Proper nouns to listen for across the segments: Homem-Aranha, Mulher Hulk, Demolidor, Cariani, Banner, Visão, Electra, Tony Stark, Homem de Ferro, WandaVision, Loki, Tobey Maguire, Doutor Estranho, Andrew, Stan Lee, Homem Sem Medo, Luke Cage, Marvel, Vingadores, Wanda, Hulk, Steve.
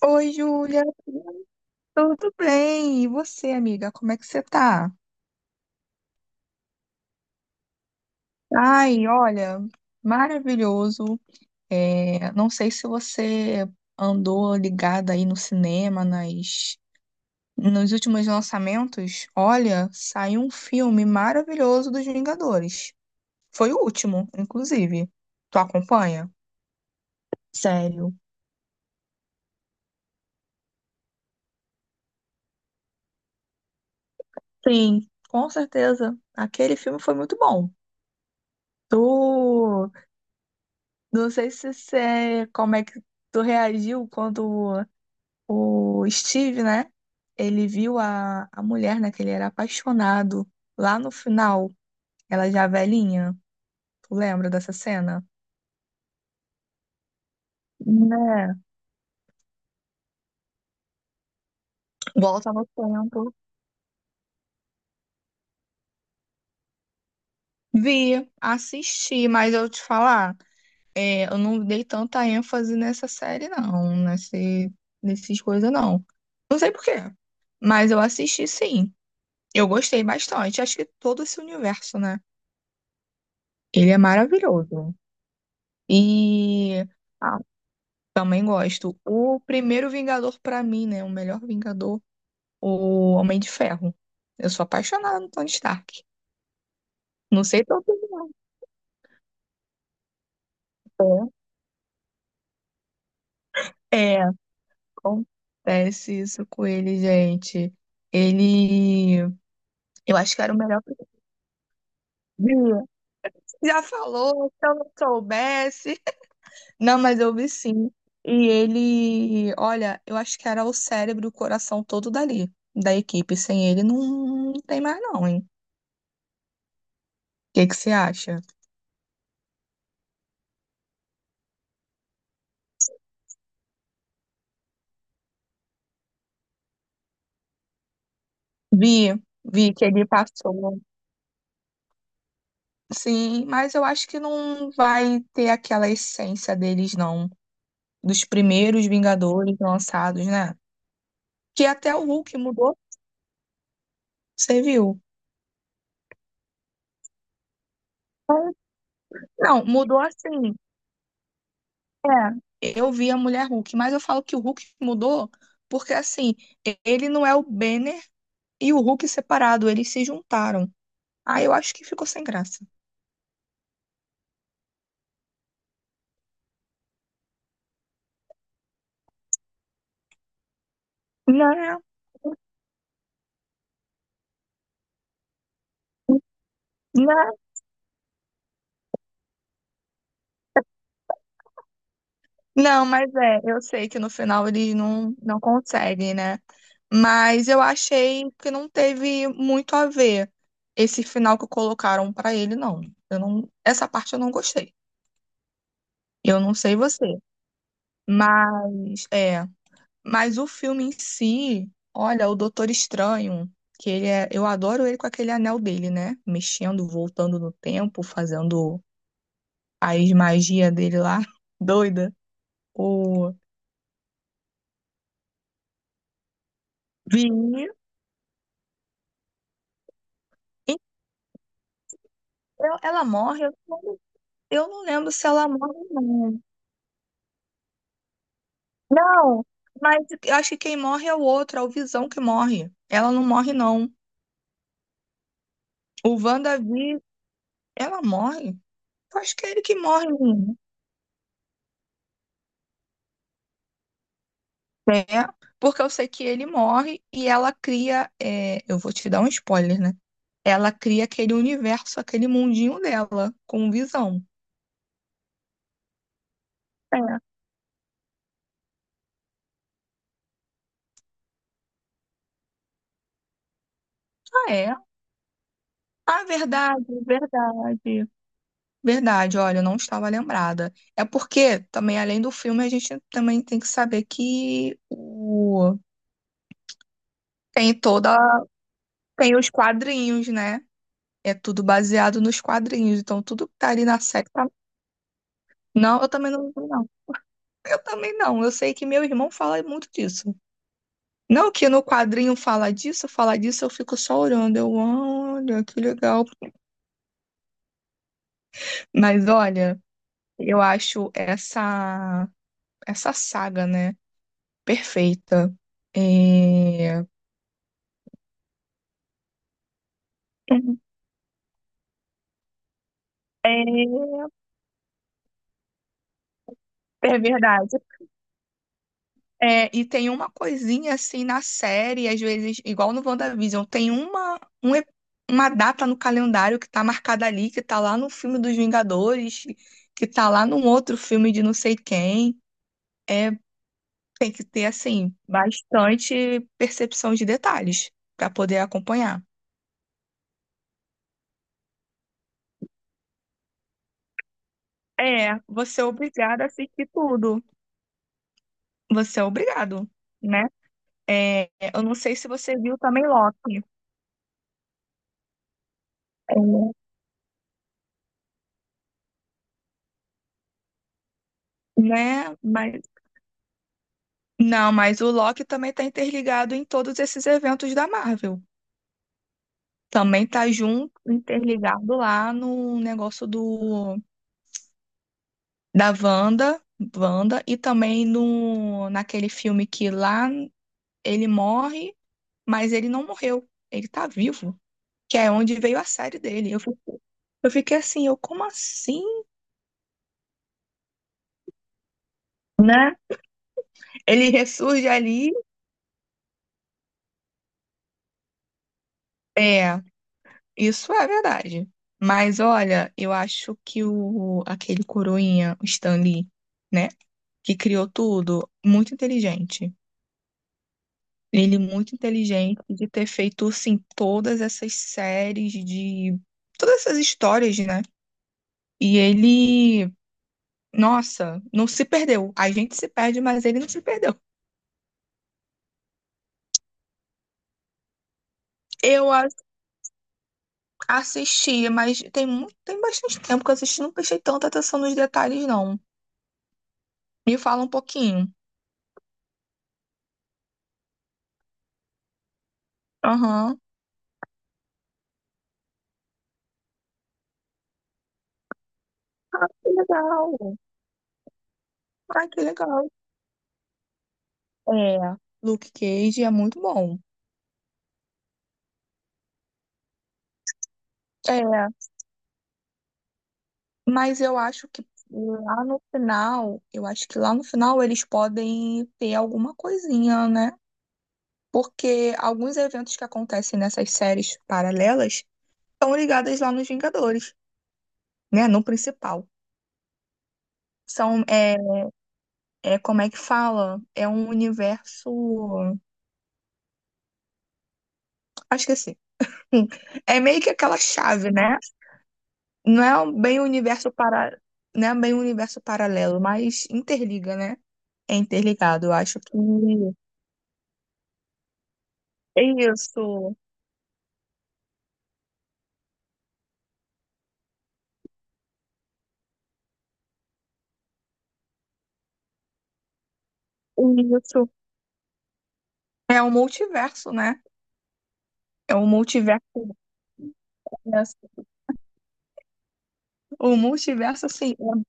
Oi, Júlia, tudo bem? E você, amiga, como é que você tá? Ai, olha, maravilhoso. Não sei se você andou ligada aí no cinema, nos últimos lançamentos. Olha, saiu um filme maravilhoso dos Vingadores. Foi o último, inclusive. Tu acompanha? Sério? Sim, com certeza. Aquele filme foi muito bom. Tu Não sei se você, como é que tu reagiu quando o Steve, né? Ele viu a mulher, né? Que ele era apaixonado. Lá no final, ela já velhinha. Tu lembra dessa cena? Né? Volta no tempo. Vi, assisti, mas eu te falar, eu não dei tanta ênfase nessa série, não. Nessas coisas, não. Não sei por quê, mas eu assisti sim. Eu gostei bastante. Acho que todo esse universo, né? Ele é maravilhoso. E ah, também gosto. O primeiro Vingador pra mim, né? O melhor Vingador, o Homem de Ferro. Eu sou apaixonada no Tony Stark. Não sei tua opinião. É, É, acontece isso com ele, gente. Ele, eu acho que era o melhor. Que Já falou, se eu não soubesse. Não, mas eu vi sim. E ele, olha, eu acho que era o cérebro e o coração todo dali, da equipe. Sem ele não tem mais não, hein? O que que você acha? Vi, vi que ele passou. Sim, mas eu acho que não vai ter aquela essência deles, não. Dos primeiros Vingadores lançados, né? Que até o Hulk mudou, você viu? Não, mudou assim. É, eu vi a Mulher Hulk, mas eu falo que o Hulk mudou porque, assim, ele não é o Banner e o Hulk separado, eles se juntaram. Aí eu acho que ficou sem graça. Não, não, não, mas é, eu sei que no final eles não conseguem, né? Mas eu achei que não teve muito a ver esse final que colocaram pra ele, não. Eu não, essa parte eu não gostei. Eu não sei você, mas é, mas o filme em si, olha, o Doutor Estranho, que ele é, eu adoro ele com aquele anel dele, né? Mexendo, voltando no tempo, fazendo as magias dele lá, doida. O Vini. E Ela morre, eu não lembro se ela morre, ou não. Não, mas eu acho que quem morre é o outro, é o Visão que morre. Ela não morre, não. O WandaVision, ela morre? Eu acho que é ele que morre, menina. É, porque eu sei que ele morre e ela cria. É, eu vou te dar um spoiler, né? Ela cria aquele universo, aquele mundinho dela, com visão. É. Ah, é. Ah, verdade, verdade. Verdade, olha, eu não estava lembrada. É porque também, além do filme, a gente também tem que saber que o... tem toda. Tem os quadrinhos, né? É tudo baseado nos quadrinhos. Então, tudo que tá ali na série tá- Não, eu também não, não. Eu também não. Eu sei que meu irmão fala muito disso. Não que no quadrinho fala disso, eu fico só olhando. Eu, olha, que legal. Mas olha, eu acho essa saga, né? Perfeita. É... É, é verdade. É, e tem uma coisinha assim na série, às vezes, igual no WandaVision, tem uma data no calendário que tá marcada ali, que tá lá no filme dos Vingadores, que tá lá num outro filme de não sei quem. É, tem que ter, assim, bastante percepção de detalhes para poder acompanhar. É, você é obrigado a assistir tudo. Você é obrigado, né? Eu não sei se você viu também Loki, é, né? Não, mas o Loki também está interligado em todos esses eventos da Marvel. Também tá junto, interligado lá no negócio do da Wanda, Wanda e também no naquele filme que lá ele morre, mas ele não morreu, ele tá vivo, que é onde veio a série dele. Eu fiquei assim, eu como assim, né? Ele ressurge ali, é. Isso é verdade. Mas olha, eu acho que o aquele coroinha, o Stan Lee, né, que criou tudo, muito inteligente. Ele muito inteligente de ter feito assim todas essas séries de todas essas histórias, né? E ele, nossa, não se perdeu. A gente se perde, mas ele não se perdeu. Eu a- assisti, mas tem muito, tem bastante tempo que eu assisti, não prestei tanta atenção nos detalhes, não. Me fala um pouquinho. Aham. Que legal. Ai, que legal. É, Luke Cage é muito bom. É, mas eu acho que lá no final, eu acho que lá no final eles podem ter alguma coisinha, né? Porque alguns eventos que acontecem nessas séries paralelas estão ligadas lá nos Vingadores, né? No principal. São, é, como é que fala? É um universo. Ah, esqueci. Enfim, é meio que aquela chave, né? Não é um- bem um universo para, não é bem um universo paralelo, mas interliga, né? É interligado. Eu acho que é isso. É isso. É um multiverso, né? É um multiverso. O multiverso, assim, é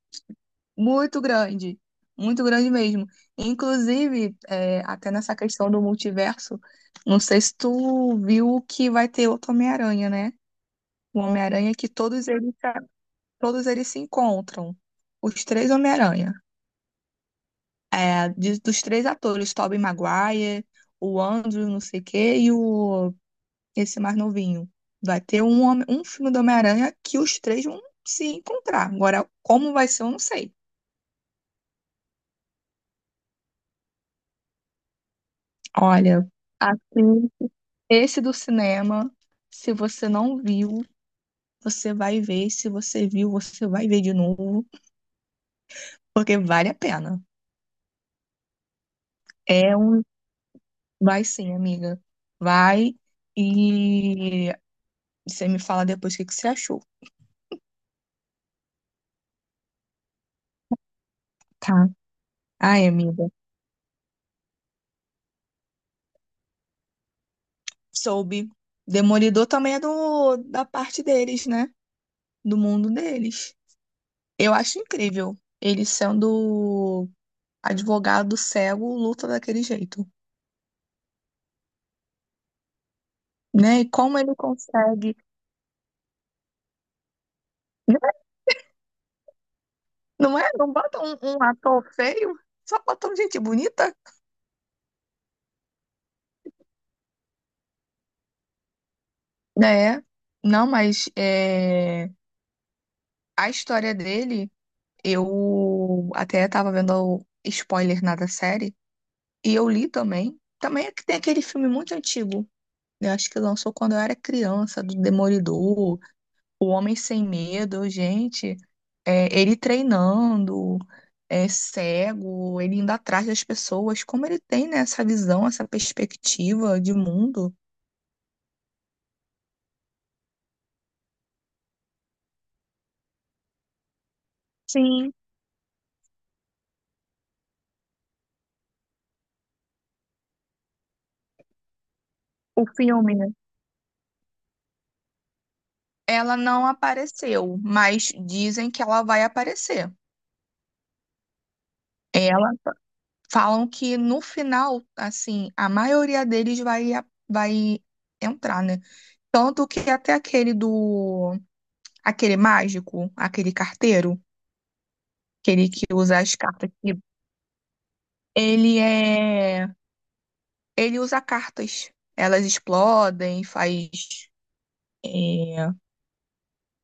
muito grande. Muito grande mesmo. Inclusive, é, até nessa questão do multiverso, não sei se tu viu que vai ter outro Homem-Aranha, né? O Homem-Aranha que todos eles se encontram. Os três Homem-Aranha. Dos três atores, Tobey Maguire, o Andrew, não sei o quê, esse mais novinho. Vai ter um filme do Homem-Aranha que os três vão se encontrar. Agora, como vai ser, eu não sei. Olha, assim, esse do cinema, se você não viu, você vai ver. Se você viu, você vai ver de novo, porque vale a pena. É um. Vai sim, amiga. Vai e você me fala depois o que que você achou, tá? Ai, amiga. Soube. Demolidor também é da parte deles, né? Do mundo deles. Eu acho incrível ele sendo advogado cego, luta daquele jeito, né? E como ele consegue, né? Não é? Não bota um ator feio, só botam gente bonita, né? Não, mas é, a história dele, eu até tava vendo o spoiler na da série, e eu li também. Também é que tem aquele filme muito antigo. Eu acho que lançou quando eu era criança, do Demolidor, O Homem Sem Medo, gente, é, ele treinando, é cego, ele indo atrás das pessoas, como ele tem, né, essa visão, essa perspectiva de mundo. Sim, o filme, né? Ela não apareceu, mas dizem que ela vai aparecer. Ela falam que no final, assim, a maioria deles vai entrar, né? Tanto que até aquele do aquele mágico, aquele carteiro, aquele que usa as cartas. Ele é. Ele usa cartas. Elas explodem, é,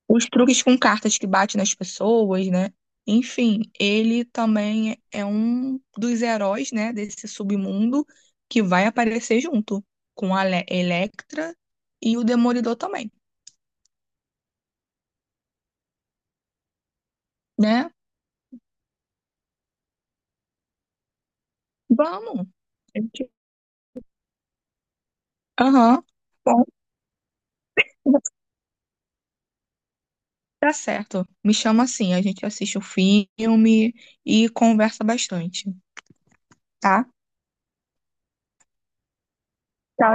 os truques com cartas que bate nas pessoas, né? Enfim, ele também é um dos heróis, né, desse submundo que vai aparecer junto com a Electra e o Demolidor também, né? Vamos. Gente, aham. Bom. Tá certo. Me chama assim, a gente assiste o filme e conversa bastante, tá? Tchau,